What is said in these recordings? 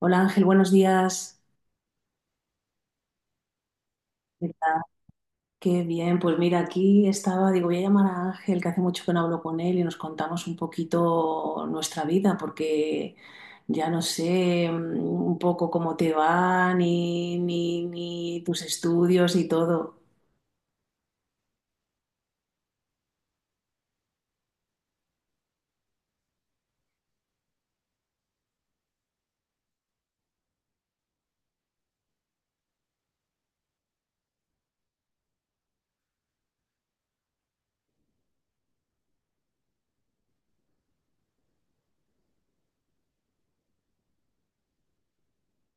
Hola Ángel, buenos días. ¿Qué tal? Qué bien, pues mira, aquí estaba, digo, voy a llamar a Ángel, que hace mucho que no hablo con él y nos contamos un poquito nuestra vida, porque ya no sé, un poco cómo te va, ni tus estudios y todo.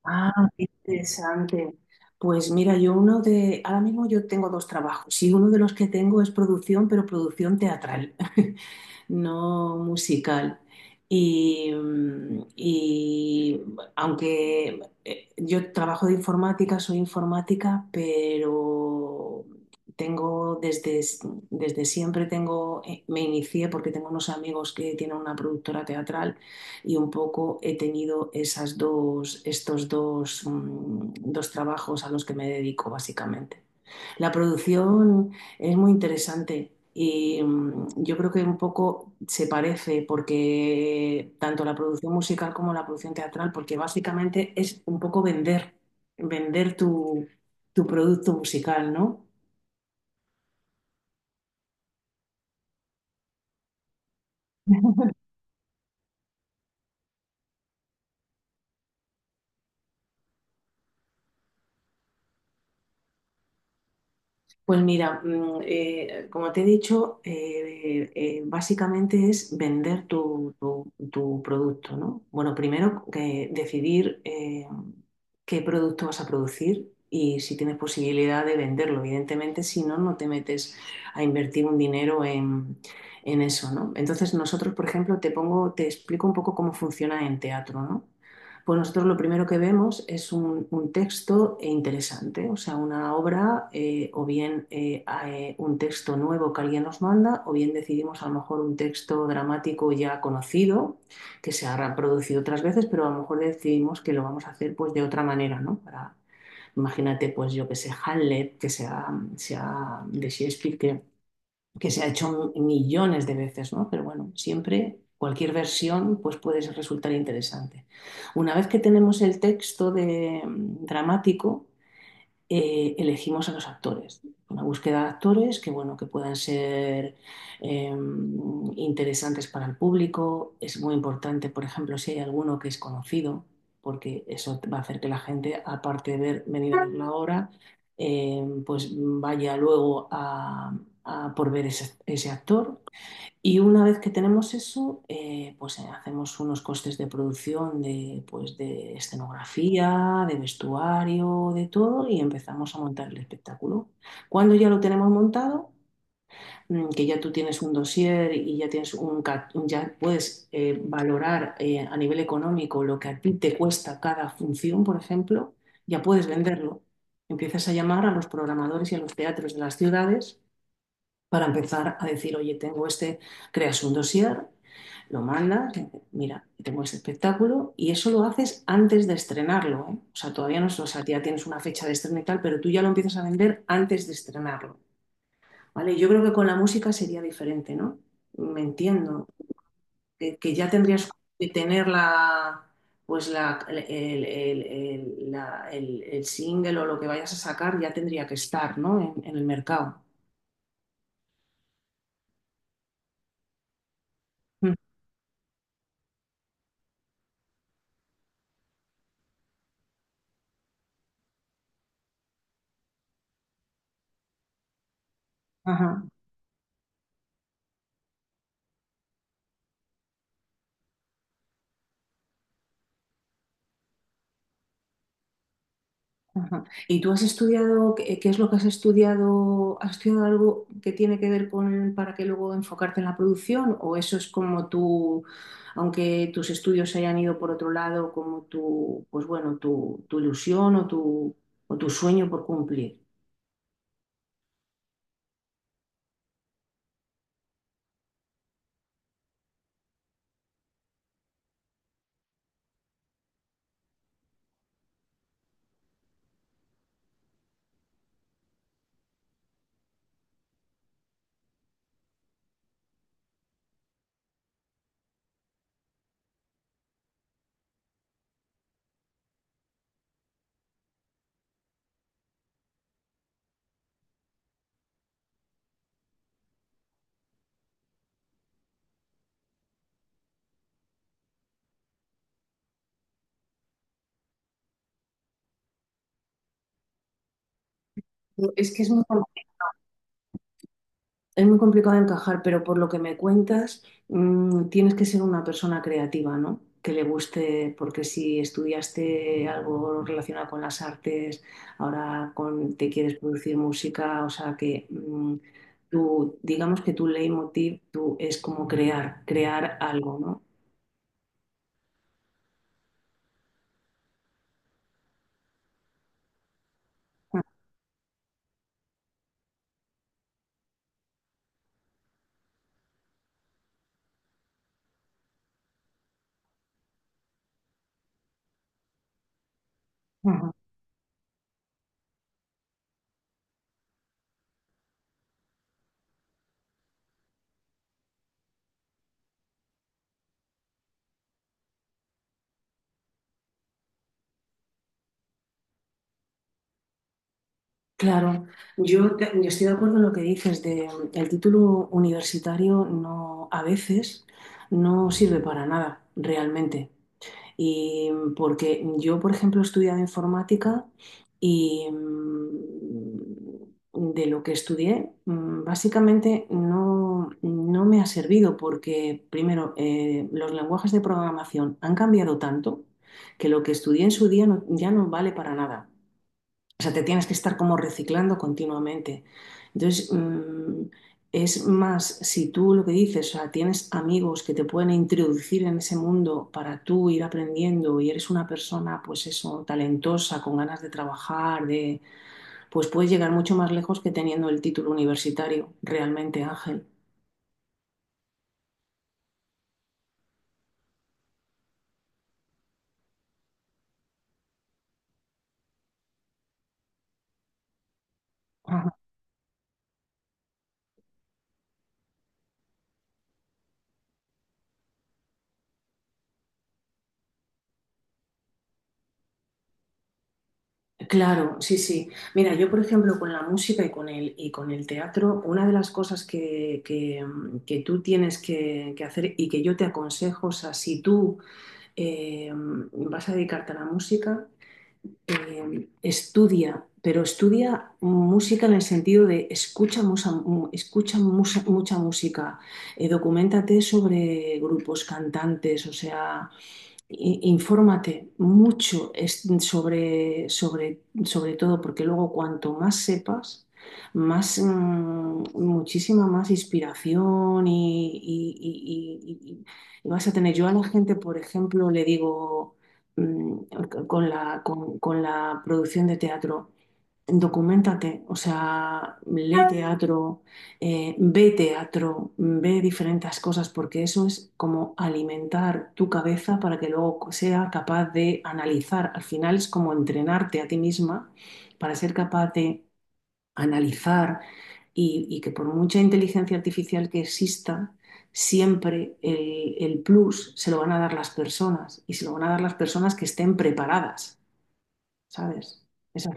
Ah, qué interesante. Pues mira, yo uno de, ahora mismo yo tengo dos trabajos y uno de los que tengo es producción, pero producción teatral. No musical. Y aunque yo trabajo de informática, soy informática, pero tengo desde, desde siempre tengo, me inicié porque tengo unos amigos que tienen una productora teatral y un poco he tenido esas dos, estos dos, dos trabajos a los que me dedico básicamente. La producción es muy interesante y, yo creo que un poco se parece porque tanto la producción musical como la producción teatral, porque básicamente es un poco vender, vender tu, tu producto musical, ¿no? Pues mira, como te he dicho, básicamente es vender tu, tu producto, ¿no? Bueno, primero que decidir qué producto vas a producir y si tienes posibilidad de venderlo. Evidentemente, si no, no te metes a invertir un dinero en eso, ¿no? Entonces, nosotros, por ejemplo, te pongo, te explico un poco cómo funciona en teatro, ¿no? Pues nosotros lo primero que vemos es un texto interesante, o sea, una obra o bien un texto nuevo que alguien nos manda, o bien decidimos a lo mejor un texto dramático ya conocido, que se ha reproducido otras veces, pero a lo mejor decidimos que lo vamos a hacer pues de otra manera, ¿no? Para, imagínate, pues yo que sé, Hamlet, que sea, sea de Shakespeare, que se ha hecho millones de veces, ¿no? Pero bueno, siempre cualquier versión pues puede resultar interesante. Una vez que tenemos el texto de, dramático, elegimos a los actores. Una búsqueda de actores que, bueno, que puedan ser eh, interesantes para el público. Es muy importante, por ejemplo, si hay alguno que es conocido, porque eso va a hacer que la gente, aparte de ver, venir a ver la obra, pues vaya luego a por ver ese, ese actor. Y una vez que tenemos eso, hacemos unos costes de producción de, pues, de escenografía, de vestuario, de todo, y empezamos a montar el espectáculo. Cuando ya lo tenemos montado, que ya tú tienes un dossier y ya tienes un, ya puedes, valorar a nivel económico lo que a ti te cuesta cada función, por ejemplo, ya puedes venderlo. Empiezas a llamar a los programadores y a los teatros de las ciudades para empezar a decir, oye, tengo este, creas un dossier, lo mandas, mira, tengo este espectáculo, y eso lo haces antes de estrenarlo, ¿eh? O sea, todavía no, o sea, ya tienes una fecha de estreno y tal, pero tú ya lo empiezas a vender antes de estrenarlo, ¿vale? Yo creo que con la música sería diferente, ¿no? Me entiendo, que ya tendrías que tener la... Pues la- el, el single o lo que vayas a sacar ya tendría que estar, ¿no? En el mercado. Mm, Ajá. Ajá. ¿Y tú has estudiado, qué, qué es lo que has estudiado? ¿Has estudiado algo que tiene que ver con para que luego enfocarte en la producción? ¿O eso es como tú, aunque tus estudios se hayan ido por otro lado, como tu, pues bueno, tu ilusión o tu sueño por cumplir? Es que es muy, es muy complicado de encajar, pero por lo que me cuentas, tienes que ser una persona creativa, ¿no? Que le guste, porque si estudiaste algo relacionado con las artes, ahora te quieres producir música, o sea que, tú, digamos que tu leitmotiv tú, es como crear, crear algo, ¿no? Ajá. Claro, yo, yo estoy de acuerdo en lo que dices de el título universitario no a veces no sirve para nada realmente. Y, porque yo, por ejemplo, he estudiado informática y, de lo que estudié, básicamente no, no me ha servido porque, primero, los lenguajes de programación han cambiado tanto que lo que estudié en su día ya no vale para nada. O sea, te tienes que estar como reciclando continuamente. Entonces, es más, si tú lo que dices, o sea, tienes amigos que te pueden introducir en ese mundo para tú ir aprendiendo y eres una persona, pues eso, talentosa, con ganas de trabajar, de, pues puedes llegar mucho más lejos que teniendo el título universitario, realmente, Ángel. Claro, sí, sí. Mira, yo por ejemplo con la música y con el teatro, una de las cosas que, que tú tienes que hacer y que yo te aconsejo, o sea, si tú, eh, vas a dedicarte a la música, estudia, pero estudia música en el sentido de escucha, escucha, mucha música, documéntate sobre grupos, cantantes, o sea, infórmate mucho sobre, sobre, sobre todo, porque luego cuanto más sepas, más, muchísima más inspiración y vas a tener. Yo a la gente, por ejemplo, le digo, mm, con la producción de teatro, documentate, o sea, lee teatro, ve teatro, ve diferentes cosas, porque eso es como alimentar tu cabeza para que luego sea capaz de analizar. Al final es como entrenarte a ti misma para ser capaz de analizar y que por mucha inteligencia artificial que exista, siempre el plus se lo van a dar las personas y se lo van a dar las personas que estén preparadas, ¿sabes? Esa,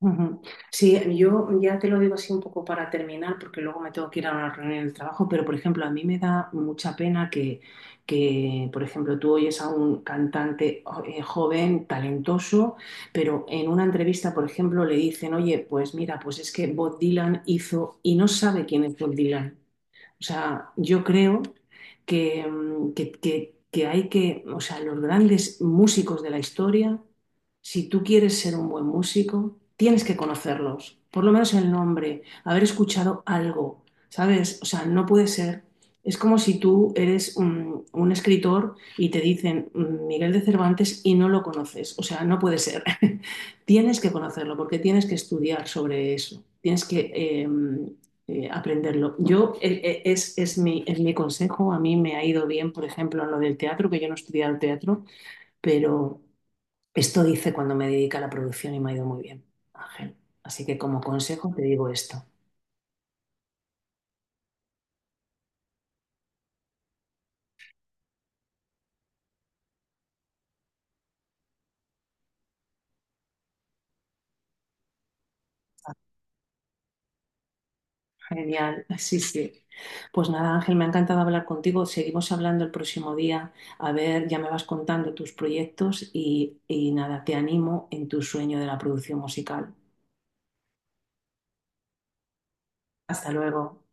ujú. Sí, yo ya te lo digo así un poco para terminar, porque luego me tengo que ir a una reunión del trabajo, pero por ejemplo, a mí me da mucha pena que, por ejemplo, tú oyes a un cantante joven, talentoso, pero en una entrevista, por ejemplo, le dicen, oye, pues mira, pues es que Bob Dylan hizo y no sabe quién es Bob Dylan. O sea, yo creo que, que hay que, o sea, los grandes músicos de la historia, si tú quieres ser un buen músico, tienes que conocerlos, por lo menos el nombre, haber escuchado algo, ¿sabes? O sea, no puede ser. Es como si tú eres un escritor y te dicen, Miguel de Cervantes y no lo conoces. O sea, no puede ser. Tienes que conocerlo porque tienes que estudiar sobre eso. Tienes que, aprenderlo. Yo, es mi consejo, a mí me ha ido bien, por ejemplo, en lo del teatro, que yo no he estudiado teatro, pero esto hice cuando me dediqué a la producción y me ha ido muy bien, Ángel. Así que como consejo te digo esto. Genial, sí, sí. Pues nada, Ángel, me ha encantado hablar contigo. Seguimos hablando el próximo día. A ver, ya me vas contando tus proyectos y nada, te animo en tu sueño de la producción musical. Hasta luego.